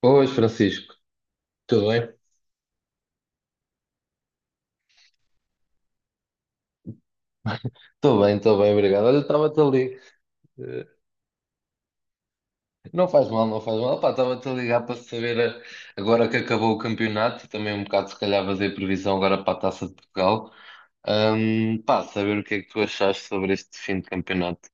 Pois, Francisco, tudo bem? Estou bem, estou bem, obrigado. Olha, estava-te a ligar. eh, Não faz mal, não faz mal. Pá, estava-te a ligar para saber, agora que acabou o campeonato, também um bocado se calhar fazer previsão agora para a Taça de Portugal. Pá, saber o que é que tu achaste sobre este fim de campeonato.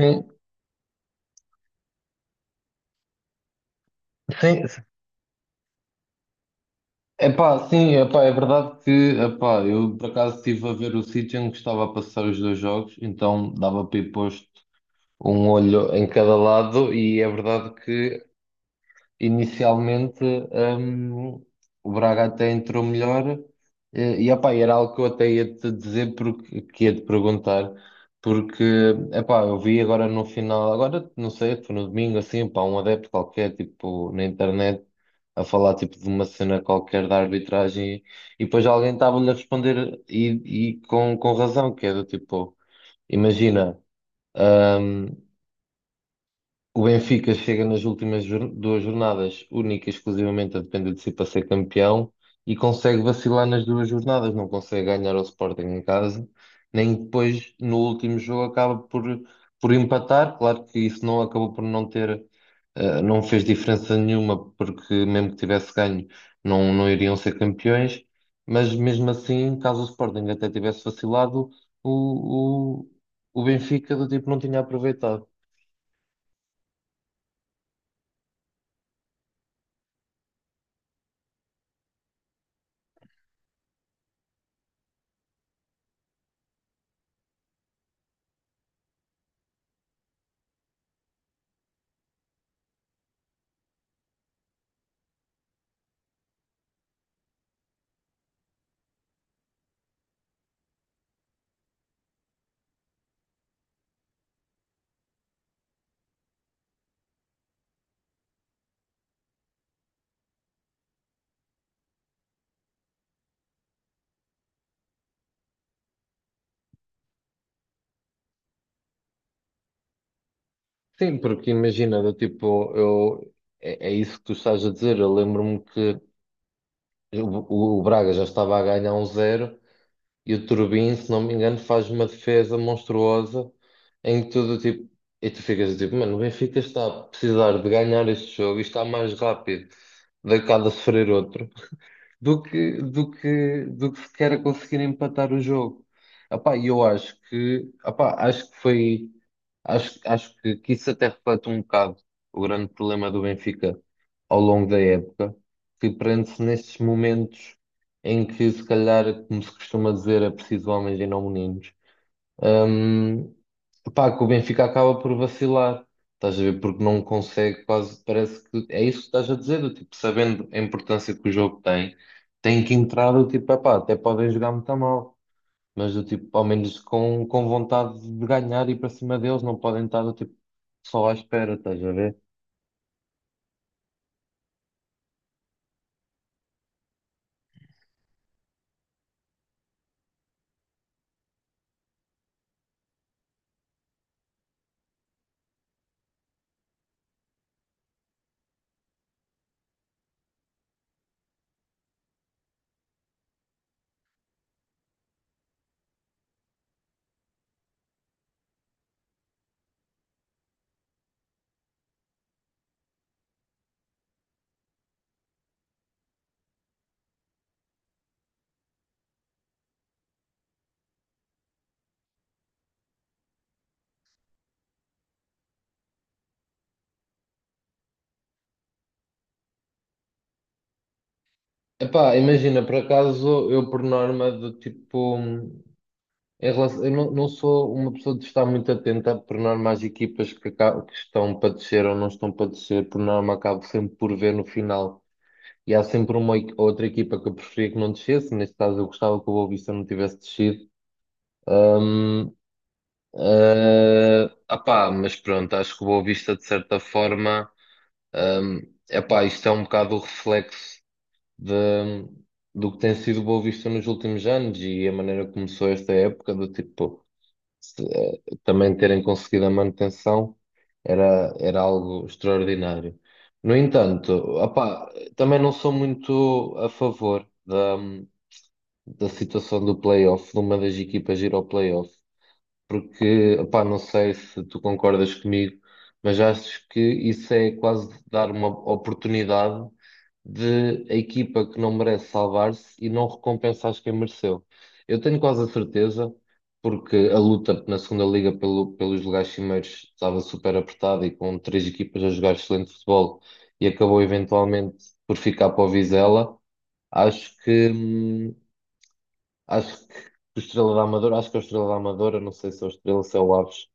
Sim, sim. Epá, sim, epá, é verdade que epá, eu por acaso estive a ver o sítio em que estava a passar os dois jogos, então dava para ir posto um olho em cada lado e é verdade que inicialmente, hum, o Braga até entrou melhor, e epá, era algo que eu até ia te dizer porque que ia te perguntar porque epá, eu vi agora no final, agora não sei, foi no domingo assim, epá, um adepto qualquer tipo na internet a falar tipo de uma cena qualquer da arbitragem e depois alguém estava-lhe a responder e, com razão, que é do tipo, imagina, hum, o Benfica chega nas últimas duas jornadas, única e exclusivamente a depender de si para ser campeão, e consegue vacilar nas duas jornadas, não consegue ganhar ao Sporting em casa, nem depois no último jogo acaba por empatar. Claro que isso não acabou por não ter, não fez diferença nenhuma, porque mesmo que tivesse ganho, não, não iriam ser campeões, mas mesmo assim, caso o Sporting até tivesse vacilado, o, o, o Benfica do tipo não tinha aproveitado. Sim, porque imagina, do tipo, eu, é, é isso que tu estás a dizer. Eu lembro-me que o Braga já estava a ganhar um zero e o Turbin, se não me engano, faz uma defesa monstruosa em tudo tipo. E tu ficas do tipo, mano, o Benfica está a precisar de ganhar este jogo e está mais rápido de cada sofrer outro do que sequer a conseguir empatar o jogo. Epá, e eu acho que, epá, acho que foi, acho, que isso até reflete um bocado o grande problema do Benfica ao longo da época, que prende-se nestes momentos em que, se calhar, como se costuma dizer, é preciso homens e não meninos. Hum, Pá, que o Benfica acaba por vacilar, estás a ver? Porque não consegue, quase parece que é isso que estás a dizer, do tipo, sabendo a importância que o jogo tem, tem que entrar do tipo, epá, até podem jogar muito mal, mas do tipo, ao menos com vontade de ganhar e para cima deles, não podem estar do tipo, só à espera, estás a ver? Epá, imagina, por acaso eu por norma do tipo. Em relação- eu não, não sou uma pessoa de estar muito atenta, por norma, às equipas que, aca- que estão para descer ou não estão para descer, por norma, acabo sempre por ver no final. E há sempre uma equi- outra equipa que eu preferia que não descesse, neste caso eu gostava que o Boa Vista não tivesse descido. Hum, apá, mas pronto, acho que o Boa Vista, de certa forma, hum, epá, isto é um bocado o reflexo de, do que tem sido o Boa Vista nos últimos anos e a maneira que começou esta época, do tipo, também terem conseguido a manutenção era, era algo extraordinário. No entanto, opá, também não sou muito a favor da, da situação do playoff, de uma das equipas ir ao playoff, porque, opá, não sei se tu concordas comigo, mas acho que isso é quase dar uma oportunidade de a equipa que não merece salvar-se e não recompensar quem mereceu. Eu tenho quase a certeza, porque a luta na segunda liga pelo- pelos lugares cimeiros estava super apertada e com três equipas a jogar excelente futebol e acabou eventualmente por ficar para o Vizela. Acho que, hum, acho que o Estrela da Amadora, acho que é o Estrela da Amadora, não sei se é o Estrela, se é o Aves.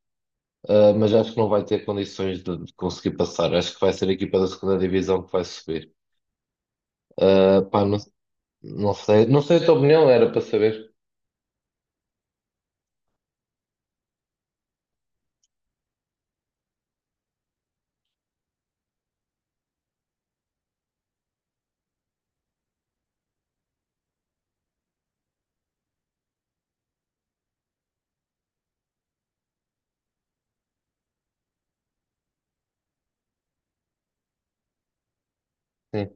Mas acho que não vai ter condições de conseguir passar. Acho que vai ser a equipa da segunda divisão que vai subir. Pá, não, não sei, não sei a tua opinião, era para saber. Sim,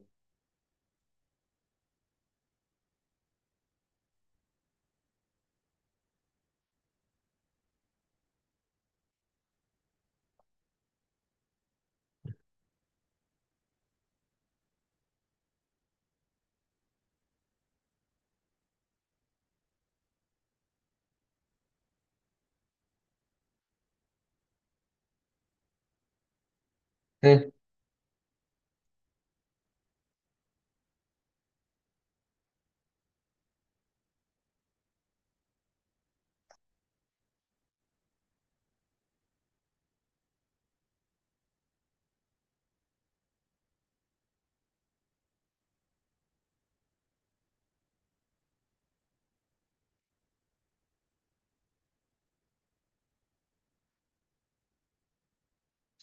sim,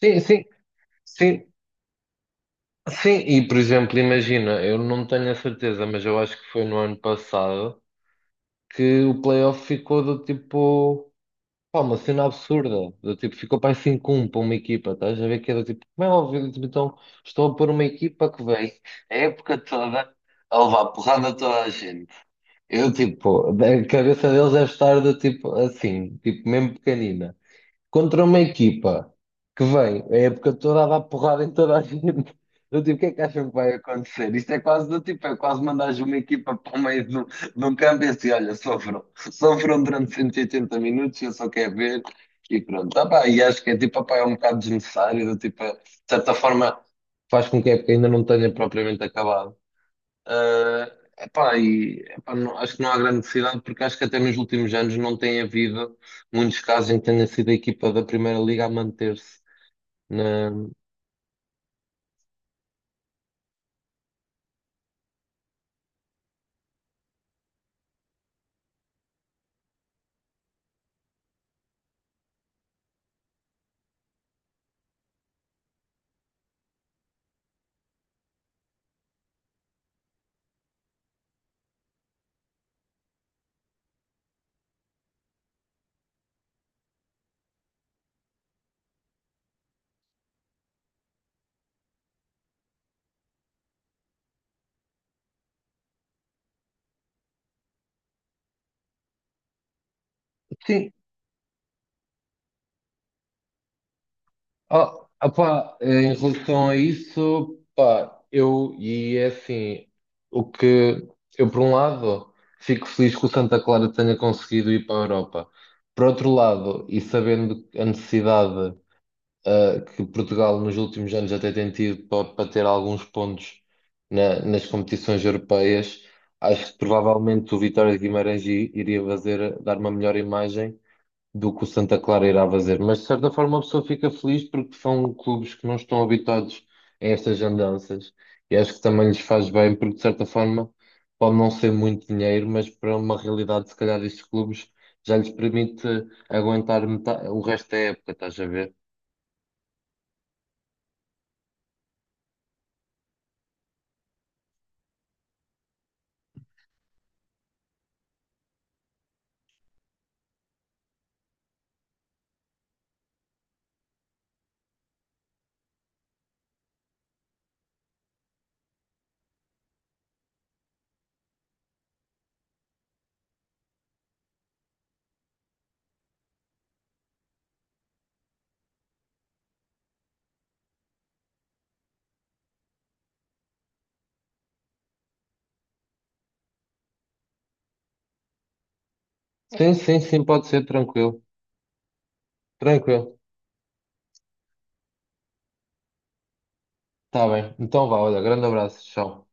sim, sim, sim. Sim, e por exemplo, imagina, eu não tenho a certeza, mas eu acho que foi no ano passado que o playoff ficou do tipo, pá, uma cena absurda. Do tipo, ficou para 5 um para uma equipa, estás a ver que era tipo, como é óbvio, tipo, então estou a pôr uma equipa que vem a época toda a levar porrada a toda a gente. Eu, tipo, a cabeça deles deve estar do tipo assim, tipo, mesmo pequenina, contra uma equipa que vem é a época toda a dar porrada em toda a gente. Eu tipo, o que é que acham que vai acontecer? Isto é quase do tipo, é quase mandares uma equipa para o meio do, do campo e assim, olha, sofram, sofram durante 180 minutos, eu só quero ver e pronto. Tá, pá, e acho que é tipo, opá, é um bocado desnecessário, do tipo, de certa forma faz com que a época ainda não tenha propriamente acabado. Ah, epá, e, epá, não- acho que não há grande necessidade, porque acho que até nos últimos anos não tem havido muitos casos em que tenha sido a equipa da Primeira Liga a manter-se na... Sim, ó, opá, em relação a isso, pá, eu, e é assim, o que eu, por um lado, fico feliz que o Santa Clara tenha conseguido ir para a Europa. Por outro lado, e sabendo a necessidade. Que Portugal nos últimos anos até tem tido para ter alguns pontos nas competições europeias, acho que provavelmente o Vitória de Guimarães iria fazer, dar uma melhor imagem do que o Santa Clara irá fazer. Mas de certa forma a pessoa fica feliz porque são clubes que não estão habituados a estas andanças e acho que também lhes faz bem porque de certa forma pode não ser muito dinheiro, mas para uma realidade se calhar destes clubes já lhes permite aguentar metade, o resto da época, estás a ver? Sim, sim, sim, pode ser, tranquilo. Tranquilo. Tá bem. Então vá, olha, grande abraço. Tchau.